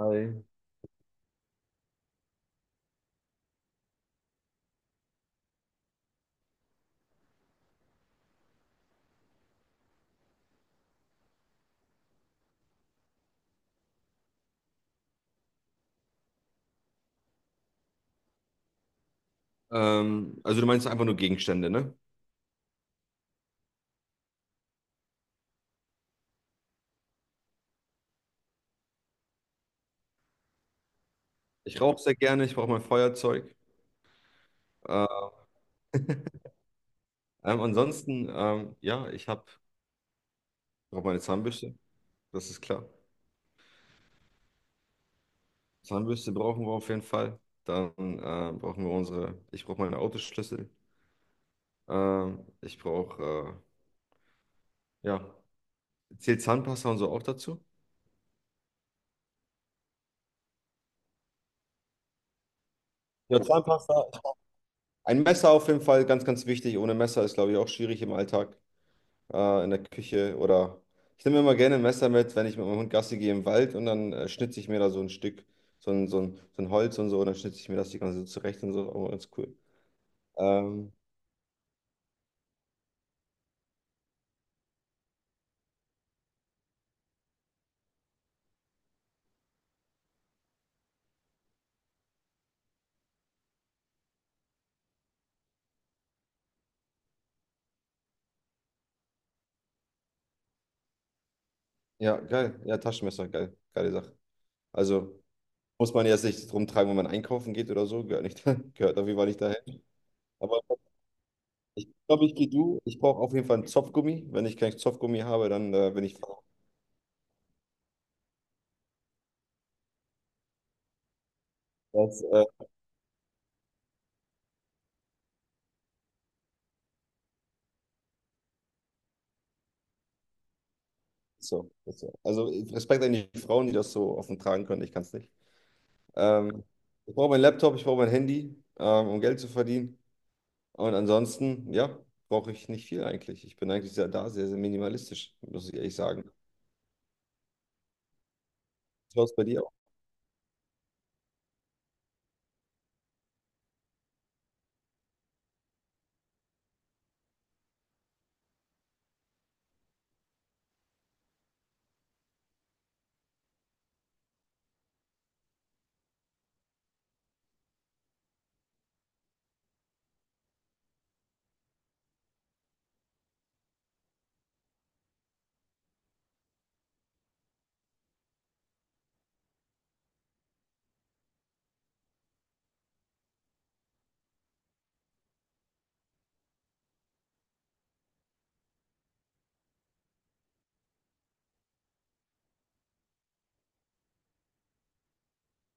Hi. Also du meinst einfach nur Gegenstände, ne? Ich rauche sehr gerne, ich brauche mein Feuerzeug. Äh, Ansonsten, ja, ich habe brauche meine Zahnbürste, das ist klar. Zahnbürste brauchen wir auf jeden Fall. Dann brauchen wir unsere, ich brauche meine Autoschlüssel. Ich brauche, ja, zählt Zahnpasta und so auch dazu? Ja, Zahnpasta. Ein Messer auf jeden Fall, ganz, ganz wichtig. Ohne Messer ist, glaube ich, auch schwierig im Alltag. In der Küche, oder ich nehme immer gerne ein Messer mit, wenn ich mit meinem Hund Gassi gehe im Wald, und dann schnitze ich mir da so ein Stück, so ein Holz und so, und dann schnitze ich mir das die ganze Zeit zurecht und so, aber ganz cool. Ähm, ja, geil. Ja, Taschenmesser, geil. Geile Sache. Also muss man jetzt nicht rumtragen, wenn man einkaufen geht oder so, gehört nicht, gehört auf jeden Fall nicht dahin. Aber ich glaube, ich gehe du. Ich brauche auf jeden Fall einen Zopfgummi. Wenn ich keinen Zopfgummi habe, dann bin ich faul. Das, so, das, so. Also Respekt an die Frauen, die das so offen tragen können. Ich kann es nicht. Ähm, Ich brauche meinen Laptop, ich brauche mein Handy, um Geld zu verdienen. Und ansonsten, ja, brauche ich nicht viel eigentlich. Ich bin eigentlich sehr, sehr minimalistisch, muss ich ehrlich sagen. Das war es bei dir auch.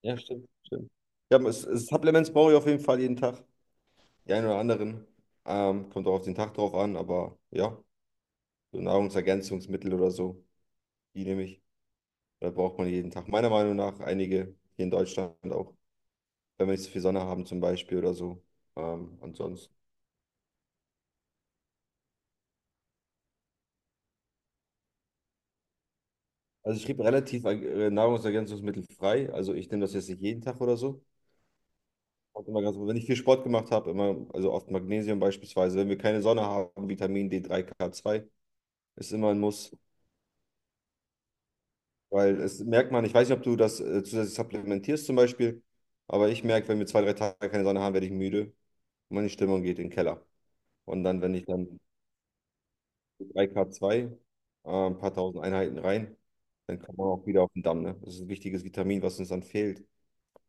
Ja, stimmt, stimmt. Ja, Supplements brauche ich auf jeden Fall jeden Tag. Die einen oder anderen. Kommt auch auf den Tag drauf an, aber ja, so Nahrungsergänzungsmittel oder so, die nehme ich. Da braucht man jeden Tag. Meiner Meinung nach einige hier in Deutschland auch, wenn wir nicht so viel Sonne haben zum Beispiel oder so. Ansonsten. Also ich schrieb relativ nahrungsergänzungsmittelfrei. Also ich nehme das jetzt nicht jeden Tag oder so. Kommt immer ganz, wenn ich viel Sport gemacht habe, immer, also oft Magnesium beispielsweise. Wenn wir keine Sonne haben, Vitamin D3, K2 ist immer ein Muss. Weil, es merkt man, ich weiß nicht, ob du das zusätzlich supplementierst zum Beispiel, aber ich merke, wenn wir 2, 3 Tage keine Sonne haben, werde ich müde und meine Stimmung geht in den Keller. Und dann, wenn ich dann 3K2, ein paar tausend Einheiten rein, dann kommt man auch wieder auf den Damm. Ne? Das ist ein wichtiges Vitamin, was uns dann fehlt.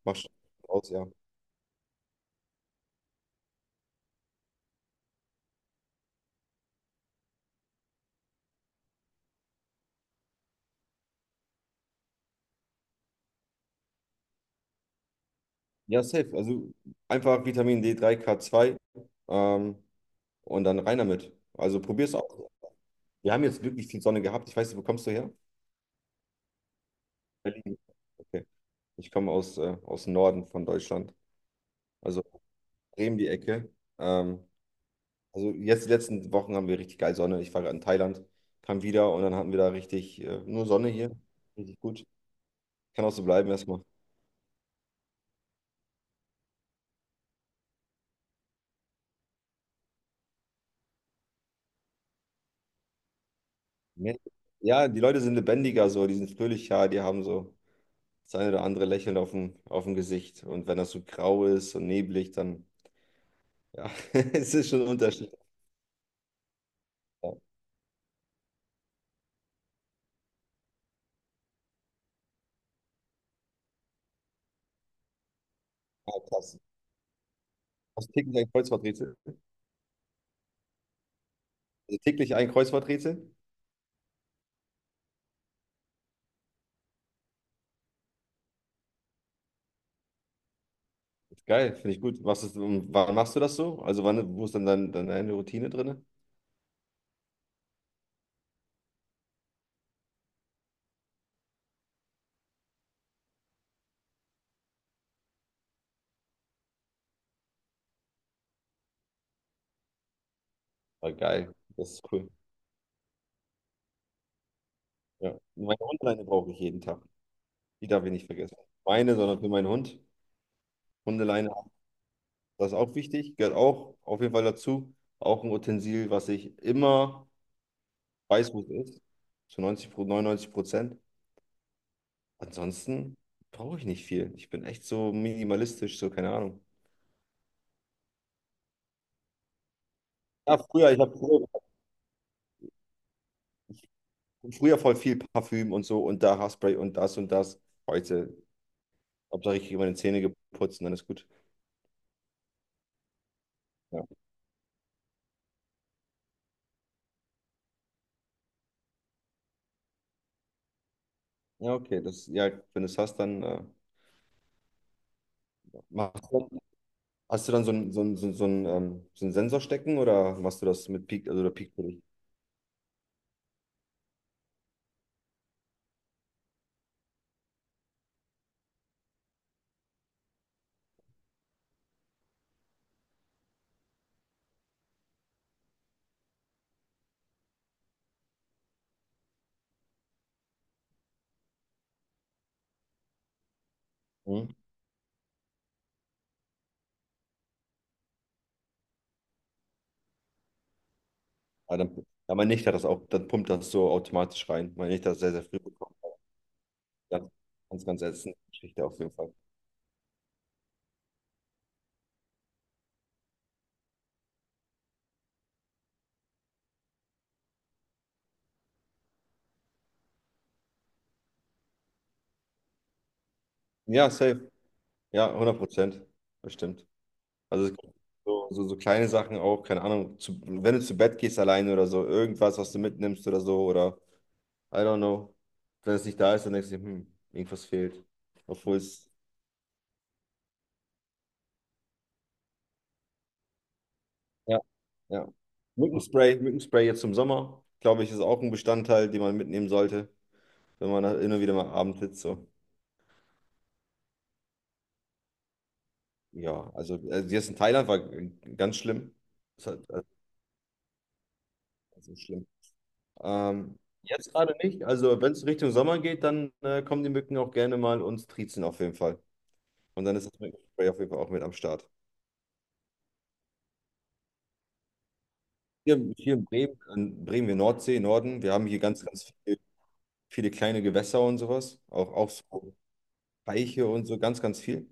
Macht schon aus, ja. Ja, safe. Also einfach Vitamin D3, K2, ähm, und dann rein damit. Also probier's aus. Wir haben jetzt wirklich viel Sonne gehabt. Ich weiß nicht, wo kommst du her? Berlin. Okay. Ich komme aus, aus dem Norden von Deutschland, also Bremen die Ecke. Ähm, also jetzt die letzten Wochen haben wir richtig geil Sonne. Ich war gerade in Thailand, kam wieder, und dann hatten wir da richtig nur Sonne hier. Richtig gut. Kann auch so bleiben erstmal. Ja, die Leute sind lebendiger so, die sind fröhlicher, die haben so das eine oder andere Lächeln auf dem, Gesicht. Und wenn das so grau ist und neblig, dann, ja, es ist schon ein Unterschied. Ja, ah, krass. Hast du täglich ein Kreuzworträtsel? Also täglich ein Kreuzworträtsel? Geil, finde ich gut. Machst du, und wann machst du das so? Also wann, wo ist dann deine Routine drin? Ah, geil, das ist cool. Ja. Meine Hundeleine brauche ich jeden Tag. Die darf ich nicht vergessen. Meine, sondern für meinen Hund. Hundeleine, das ist auch wichtig, gehört auch auf jeden Fall dazu. Auch ein Utensil, was ich immer weiß, wo es ist, zu 99%. Ansonsten brauche ich nicht viel. Ich bin echt so minimalistisch, so keine Ahnung. Ja, früher, ich hab früher voll viel Parfüm und so, und da Haarspray und das und das. Heute, Hauptsache ich kriege meine Zähne geputzt und dann ist gut. Ja, ja, okay, das, ja, wenn du es hast, dann machst du, hast du dann so einen Sensor stecken, oder machst du das mit Peak, also der Peak für dich? Hm? Ah, dann, ja, meine Nichte hat das auch, dann pumpt das so automatisch rein. Meine Nichte hat das sehr, sehr früh bekommen. Ganz, ganz, ganz ätzende Geschichte auf jeden Fall. Ja, safe. Ja, 100%. Bestimmt. Also es gibt so kleine Sachen auch, keine Ahnung, zu, wenn du zu Bett gehst alleine oder so, irgendwas, was du mitnimmst oder so, oder I don't know. Wenn es nicht da ist, dann denkst dir, hm, irgendwas fehlt. Obwohl es, ja, ja. Mückenspray, Mückenspray jetzt im Sommer, glaube ich, ist auch ein Bestandteil, den man mitnehmen sollte, wenn man da immer wieder mal abends sitzt. So. Ja, also, jetzt in Thailand war ganz schlimm. Das hat, also, so schlimm. Jetzt gerade nicht. Also wenn es Richtung Sommer geht, dann kommen die Mücken auch gerne mal und triezen auf jeden Fall. Und dann ist das Mückenspray auf jeden Fall auch mit am Start. Hier in Bremen, wir Nordsee, Norden, wir haben hier ganz, ganz viele kleine Gewässer und sowas. Auch so Teiche und so, ganz, ganz viel.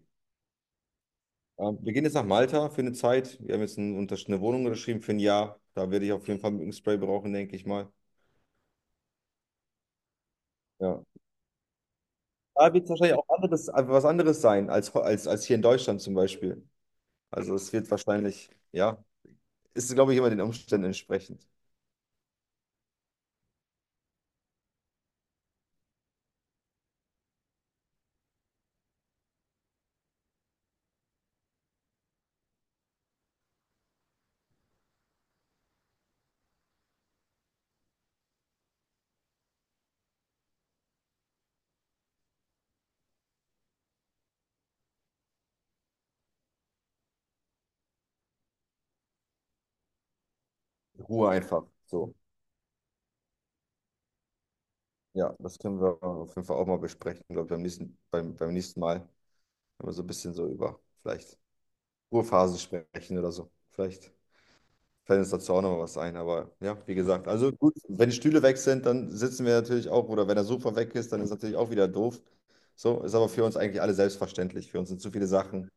Wir gehen jetzt nach Malta für eine Zeit. Wir haben jetzt eine Wohnung unterschrieben für ein Jahr. Da werde ich auf jeden Fall Mückenspray brauchen, denke ich mal. Ja. Da wird es wahrscheinlich auch anderes, was anderes sein als, hier in Deutschland zum Beispiel. Also es wird wahrscheinlich, ja, ist, glaube ich, immer den Umständen entsprechend. Ruhe einfach. So. Ja, das können wir auf jeden Fall auch mal besprechen, glaube ich, beim nächsten, beim nächsten Mal, wenn wir so ein bisschen so über vielleicht Ruhephasen sprechen oder so. Vielleicht fällt uns dazu auch noch mal was ein. Aber ja, wie gesagt, also gut, wenn die Stühle weg sind, dann sitzen wir natürlich auch, oder wenn der Sofa weg ist, dann ist natürlich auch wieder doof. So, ist aber für uns eigentlich alle selbstverständlich. Für uns sind zu viele Sachen.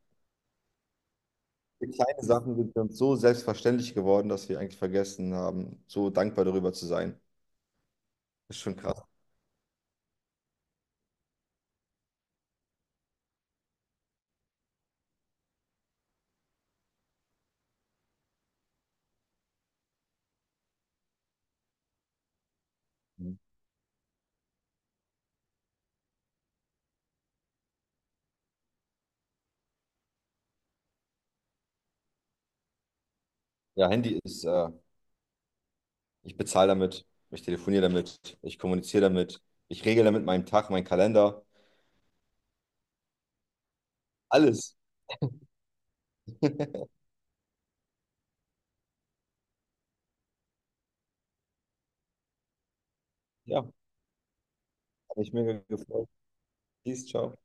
Die kleinen Sachen sind für uns so selbstverständlich geworden, dass wir eigentlich vergessen haben, so dankbar darüber zu sein. Ist schon krass. Mhm. Ja, Handy ist, ich bezahle damit, ich telefoniere damit, ich kommuniziere damit, ich regle damit meinen Tag, meinen Kalender, alles. Ja, hat mich mega gefreut. Peace, ciao.